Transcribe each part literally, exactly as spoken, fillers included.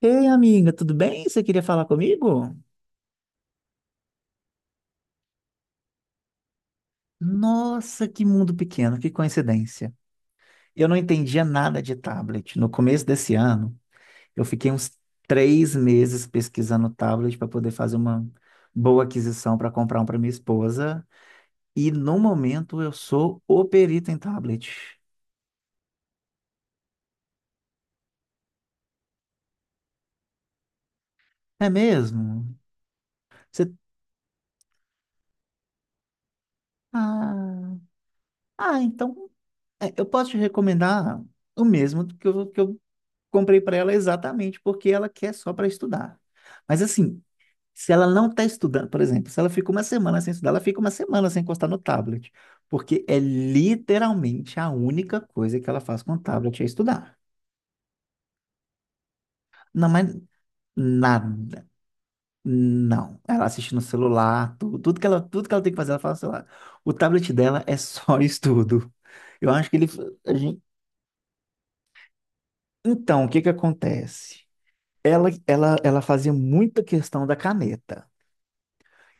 Ei, amiga, tudo bem? Você queria falar comigo? Nossa, que mundo pequeno, que coincidência. Eu não entendia nada de tablet. No começo desse ano, eu fiquei uns três meses pesquisando tablet para poder fazer uma boa aquisição para comprar um para minha esposa. E no momento eu sou o perito em tablet. É mesmo? Você... Ah, ah, então é, eu posso te recomendar o mesmo que eu, que eu comprei para ela exatamente porque ela quer só para estudar. Mas assim, se ela não está estudando, por exemplo, se ela fica uma semana sem estudar, ela fica uma semana sem encostar no tablet, porque é literalmente a única coisa que ela faz com o tablet é estudar. Não, mas nada. Não, ela assiste no celular, tudo, tudo que ela, tudo que ela tem que fazer, ela faz no celular. O tablet dela é só estudo. Eu acho que ele, a gente- Então, o que que acontece? Ela, ela, ela fazia muita questão da caneta.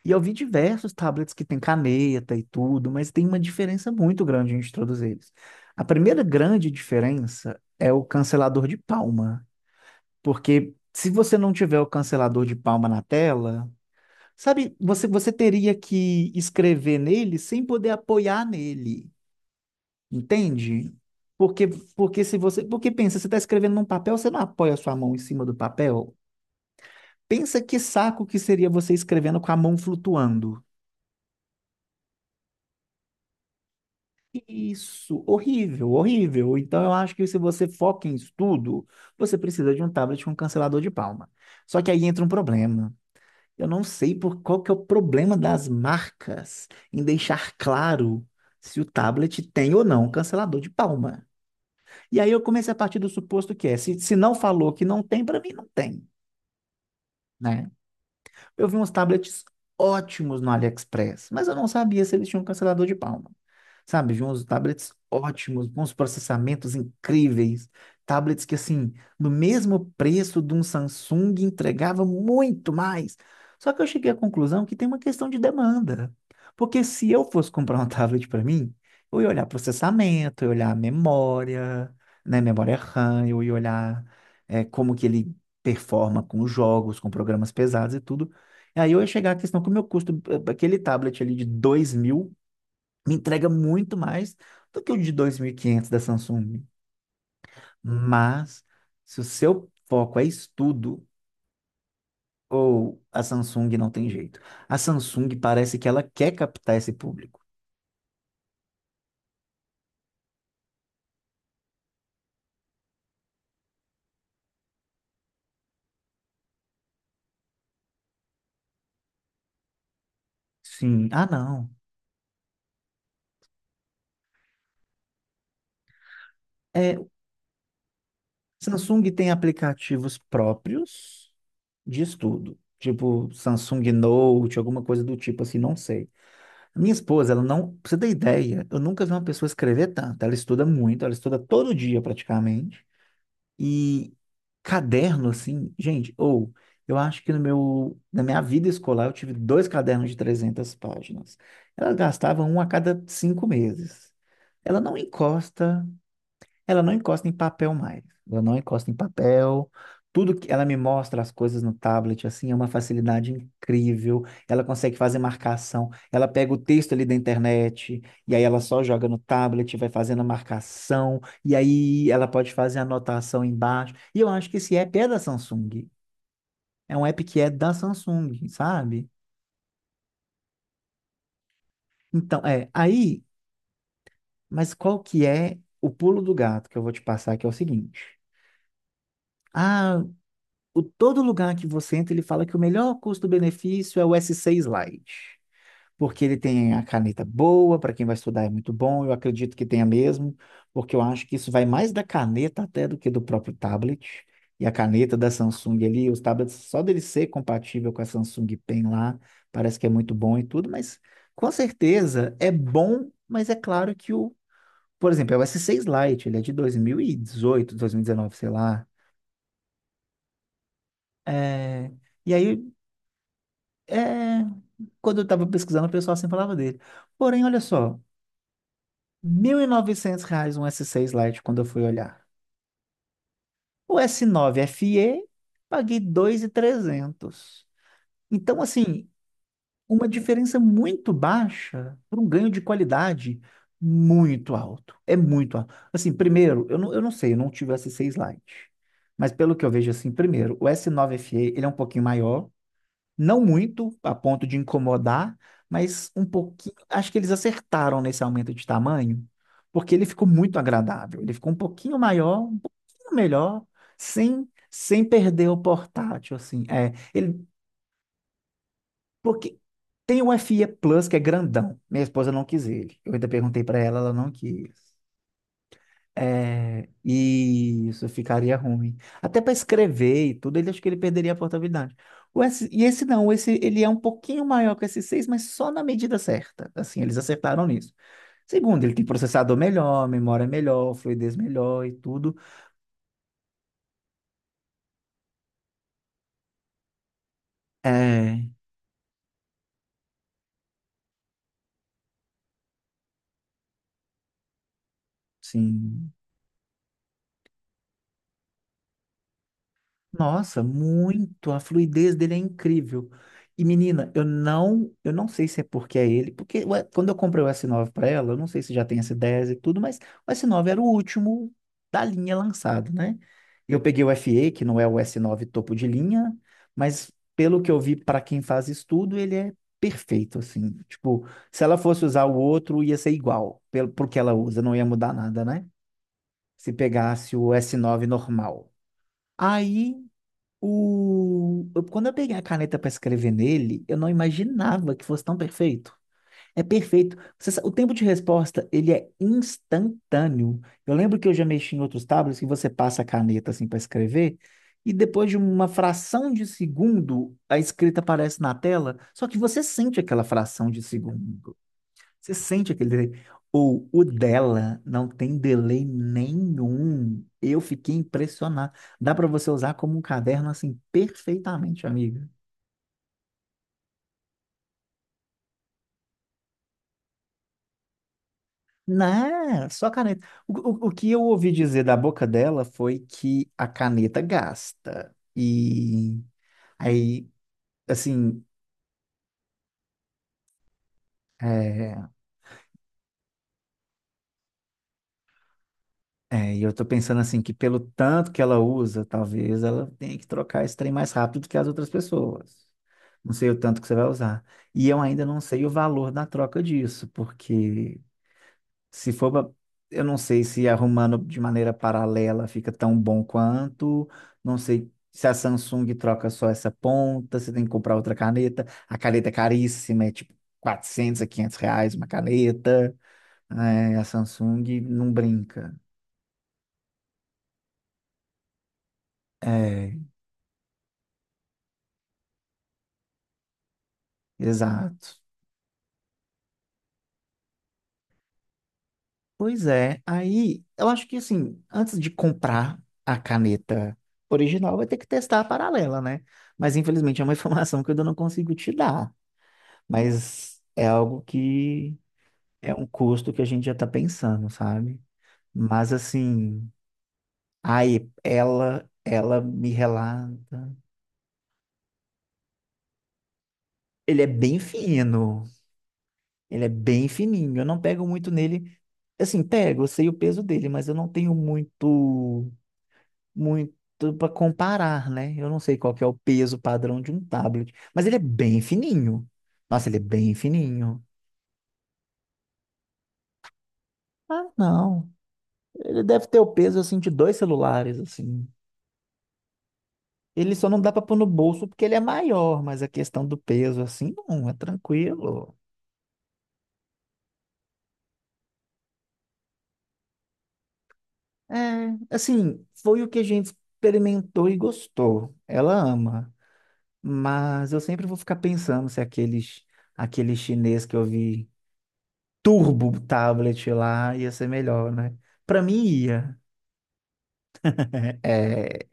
E eu vi diversos tablets que tem caneta e tudo, mas tem uma diferença muito grande entre todos eles. A primeira grande diferença é o cancelador de palma, porque se você não tiver o cancelador de palma na tela, sabe, você, você teria que escrever nele sem poder apoiar nele, entende? Porque, porque se você, porque pensa, você está escrevendo num papel, você não apoia a sua mão em cima do papel. Pensa que saco que seria você escrevendo com a mão flutuando. Isso, horrível, horrível. Então eu acho que se você foca em estudo, você precisa de um tablet com cancelador de palma. Só que aí entra um problema. Eu não sei por qual que é o problema das marcas em deixar claro se o tablet tem ou não cancelador de palma. E aí eu comecei a partir do suposto que é, se, se não falou que não tem, para mim não tem, né? Eu vi uns tablets ótimos no AliExpress, mas eu não sabia se eles tinham cancelador de palma. Sabe? De uns tablets ótimos, com uns processamentos incríveis. Tablets que, assim, no mesmo preço de um Samsung, entregava muito mais. Só que eu cheguei à conclusão que tem uma questão de demanda. Porque se eu fosse comprar um tablet para mim, eu ia olhar processamento, eu ia olhar memória, né? Memória RAM, eu ia olhar eh, como que ele performa com os jogos, com programas pesados e tudo. E aí eu ia chegar à questão que o meu custo, eh, aquele tablet ali de dois mil, me entrega muito mais do que o de dois mil e quinhentos da Samsung. Mas, se o seu foco é estudo, ou a Samsung não tem jeito. A Samsung parece que ela quer captar esse público. Sim, ah não. É, Samsung tem aplicativos próprios de estudo. Tipo Samsung Note, alguma coisa do tipo assim, não sei. Minha esposa, ela não, pra você ter ideia, eu nunca vi uma pessoa escrever tanto. Ela estuda muito, ela estuda todo dia praticamente. E caderno, assim, gente, ou eu acho que no meu, na minha vida escolar eu tive dois cadernos de trezentas páginas. Ela gastava um a cada cinco meses. Ela não encosta ela não encosta em papel mais. Ela não encosta em papel. Tudo que ela me mostra as coisas no tablet, assim, é uma facilidade incrível. Ela consegue fazer marcação. Ela pega o texto ali da internet e aí ela só joga no tablet, vai fazendo a marcação e aí ela pode fazer a anotação embaixo. E eu acho que esse app é da Samsung. É um app que é da Samsung, sabe? Então, é, aí, mas qual que é o pulo do gato que eu vou te passar, que é o seguinte. Ah, o, todo lugar que você entra, ele fala que o melhor custo-benefício é o S seis Lite, porque ele tem a caneta boa, para quem vai estudar é muito bom, eu acredito que tenha mesmo, porque eu acho que isso vai mais da caneta até do que do próprio tablet. E a caneta da Samsung ali, os tablets, só dele ser compatível com a Samsung Pen lá, parece que é muito bom e tudo, mas com certeza é bom, mas é claro que o, por exemplo, é o S seis Lite, ele é de dois mil e dezoito, dois mil e dezenove, sei lá. É, e aí, É, quando eu estava pesquisando, o pessoal sempre falava dele. Porém, olha só, mil e novecentos reais um S seis Lite quando eu fui olhar. O S nove F E, paguei dois mil e trezentos. Então, assim, uma diferença muito baixa por um ganho de qualidade muito alto. É muito alto. Assim, primeiro, eu não, eu não sei, eu não tive o S seis Lite. Mas pelo que eu vejo, assim, primeiro, o S nove F E, ele é um pouquinho maior. Não muito a ponto de incomodar, mas um pouquinho. Acho que eles acertaram nesse aumento de tamanho, porque ele ficou muito agradável. Ele ficou um pouquinho maior, um pouquinho melhor, sem, sem perder o portátil, assim. É, ele, porque tem o F E Plus, que é grandão. Minha esposa não quis ele. Eu ainda perguntei para ela, ela não quis. É, e isso ficaria ruim. Até para escrever e tudo, ele acho que ele perderia a portabilidade. O S, e esse não, esse ele é um pouquinho maior que o S seis, mas só na medida certa. Assim, eles acertaram nisso. Segundo, ele tem processador melhor, memória melhor, fluidez melhor e tudo. É, sim. Nossa, muito. A fluidez dele é incrível. E menina, eu não, eu não sei se é porque é ele, porque ué, quando eu comprei o s nove para ela, eu não sei se já tem s dez e tudo, mas o s nove era o último da linha lançado, né? Eu peguei o F E, que não é o s nove topo de linha, mas pelo que eu vi para quem faz estudo, ele é perfeito assim. Tipo, se ela fosse usar o outro, ia ser igual, pelo porque ela usa, não ia mudar nada, né? Se pegasse o s nove normal. Aí o... eu- Quando eu peguei a caneta para escrever nele, eu não imaginava que fosse tão perfeito. É perfeito. Você sa- O tempo de resposta, ele é instantâneo. Eu lembro que eu já mexi em outros tablets que você passa a caneta assim para escrever e depois de uma fração de segundo a escrita aparece na tela, só que você sente aquela fração de segundo. Você sente aquele delay. Ou o dela não tem delay nenhum. Eu fiquei impressionado. Dá para você usar como um caderno assim perfeitamente, amiga. Não, só caneta. O, o, o que eu ouvi dizer da boca dela foi que a caneta gasta. E aí, assim, é, É, e eu tô pensando assim que pelo tanto que ela usa, talvez ela tenha que trocar esse trem mais rápido do que as outras pessoas. Não sei o tanto que você vai usar. E eu ainda não sei o valor da troca disso, porque se for, pra- eu não sei se arrumando de maneira paralela fica tão bom quanto, não sei se a Samsung troca só essa ponta, você tem que comprar outra caneta. A caneta é caríssima, é tipo quatrocentos a quinhentos reais uma caneta. É, a Samsung não brinca. É, exato. Pois é, aí eu acho que assim, antes de comprar a caneta original, vai ter que testar a paralela, né? Mas infelizmente é uma informação que eu ainda não consigo te dar. Mas é algo que é um custo que a gente já tá pensando, sabe? Mas assim, aí ela, ela me relata. Ele é bem fino, ele é bem fininho. Eu não pego muito nele. Assim, pego, eu sei o peso dele, mas eu não tenho muito. Muito para comparar, né? Eu não sei qual que é o peso padrão de um tablet, mas ele é bem fininho. Nossa, ele é bem fininho. Ah, não. Ele deve ter o peso assim de dois celulares assim. Ele só não dá para pôr no bolso porque ele é maior, mas a questão do peso assim, não, é tranquilo. É, assim, foi o que a gente experimentou e gostou. Ela ama, mas eu sempre vou ficar pensando se aqueles aquele chinês que eu vi turbo tablet lá, ia ser melhor, né? Pra mim ia. É...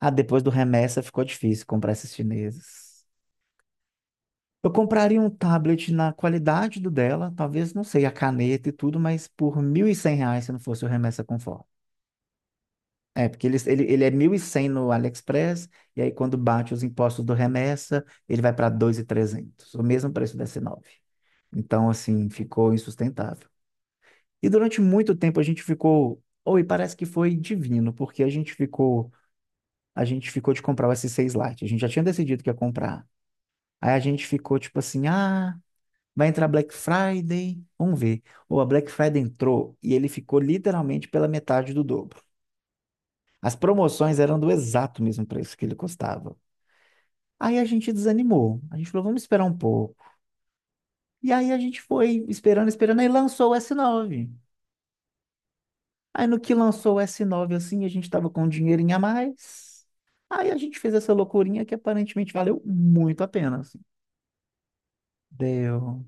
Ah, depois do remessa ficou difícil comprar esses chineses. Eu compraria um tablet na qualidade do dela, talvez, não sei, a caneta e tudo, mas por mil e cem reais se não fosse o remessa conforme. É, porque ele, ele, ele é mil e cem no AliExpress, e aí quando bate os impostos do remessa, ele vai para dois mil e trezentos o mesmo preço da S nove. Então, assim, ficou insustentável. E durante muito tempo a gente ficou, oi, parece que foi divino, porque a gente ficou, a gente ficou de comprar o S seis Lite, a gente já tinha decidido que ia comprar. Aí a gente ficou tipo assim, ah, vai entrar Black Friday, vamos ver. Ou a Black Friday entrou e ele ficou literalmente pela metade do dobro. As promoções eram do exato mesmo preço que ele custava. Aí a gente desanimou. A gente falou, vamos esperar um pouco. E aí a gente foi esperando, esperando, aí lançou o s nove. Aí no que lançou o S nove assim, a gente tava com um dinheirinho a mais. Aí a gente fez essa loucurinha que aparentemente valeu muito a pena, assim. Deu.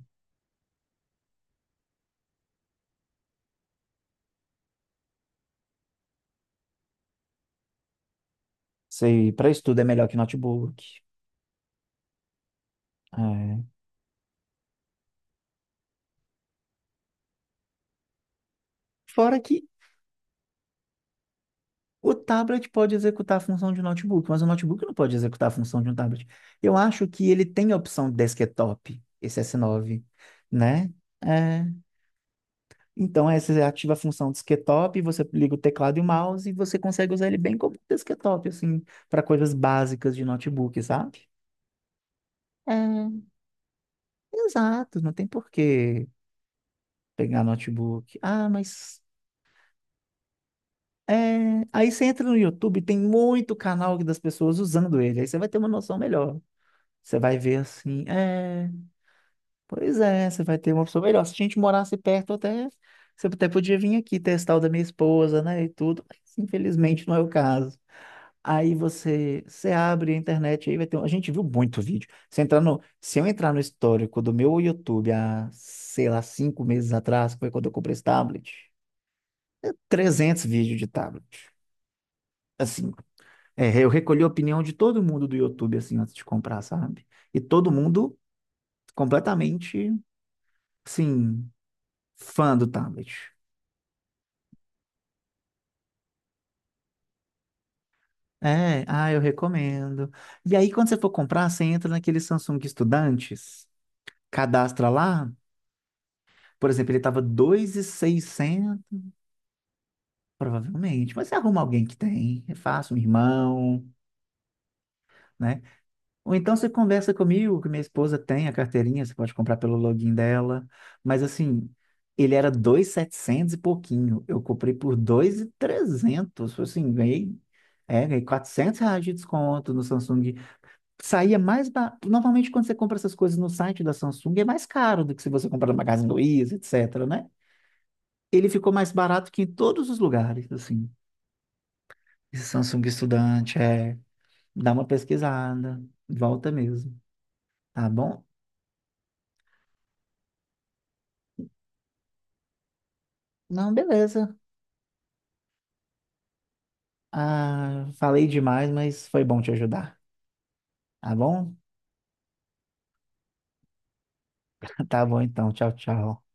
Sei, para estudo é melhor que notebook. É. Fora que o tablet pode executar a função de um notebook, mas o notebook não pode executar a função de um tablet. Eu acho que ele tem a opção desktop, esse S nove, né? É. Então, essa é ativa a função desktop, você liga o teclado e o mouse e você consegue usar ele bem como desktop, assim, para coisas básicas de notebook, sabe? É, exato, não tem por que pegar notebook. Ah, mas é... aí você entra no YouTube, tem muito canal das pessoas usando ele, aí você vai ter uma noção melhor. Você vai ver assim, é. Pois é, você vai ter uma opção melhor. Se a gente morasse perto, até você até podia vir aqui testar o da minha esposa, né? E tudo, mas infelizmente não é o caso. Aí você, você abre a internet, aí vai ter. Um- a gente viu muito vídeo. Se entrar no, se eu entrar no histórico do meu YouTube há, sei lá, cinco meses atrás, que foi quando eu comprei esse tablet, é trezentos vídeos de tablet. Assim, é, eu recolhi a opinião de todo mundo do YouTube, assim, antes de comprar, sabe? E todo mundo completamente, assim. Fã do tablet. É, ah, eu recomendo. E aí, quando você for comprar, você entra naquele Samsung Estudantes, cadastra lá. Por exemplo, ele tava dois mil e seiscentos, provavelmente. Mas você arruma alguém que tem, é fácil, um irmão, né? Ou então você conversa comigo, que minha esposa tem a carteirinha, você pode comprar pelo login dela. Mas assim, ele era dois mil e setecentos e setecentos e pouquinho. Eu comprei por dois mil e trezentos, assim, ganhei, é, ganhei quatrocentos reais de desconto no Samsung, saía mais barato. Normalmente, quando você compra essas coisas no site da Samsung, é mais caro do que se você comprar no Magazine Luiza, etc, né? Ele ficou mais barato que em todos os lugares, assim. Esse Samsung Estudante, é. Dá uma pesquisada, volta mesmo, tá bom? Não, beleza. Ah, falei demais, mas foi bom te ajudar, tá bom? Tá bom então, tchau, tchau.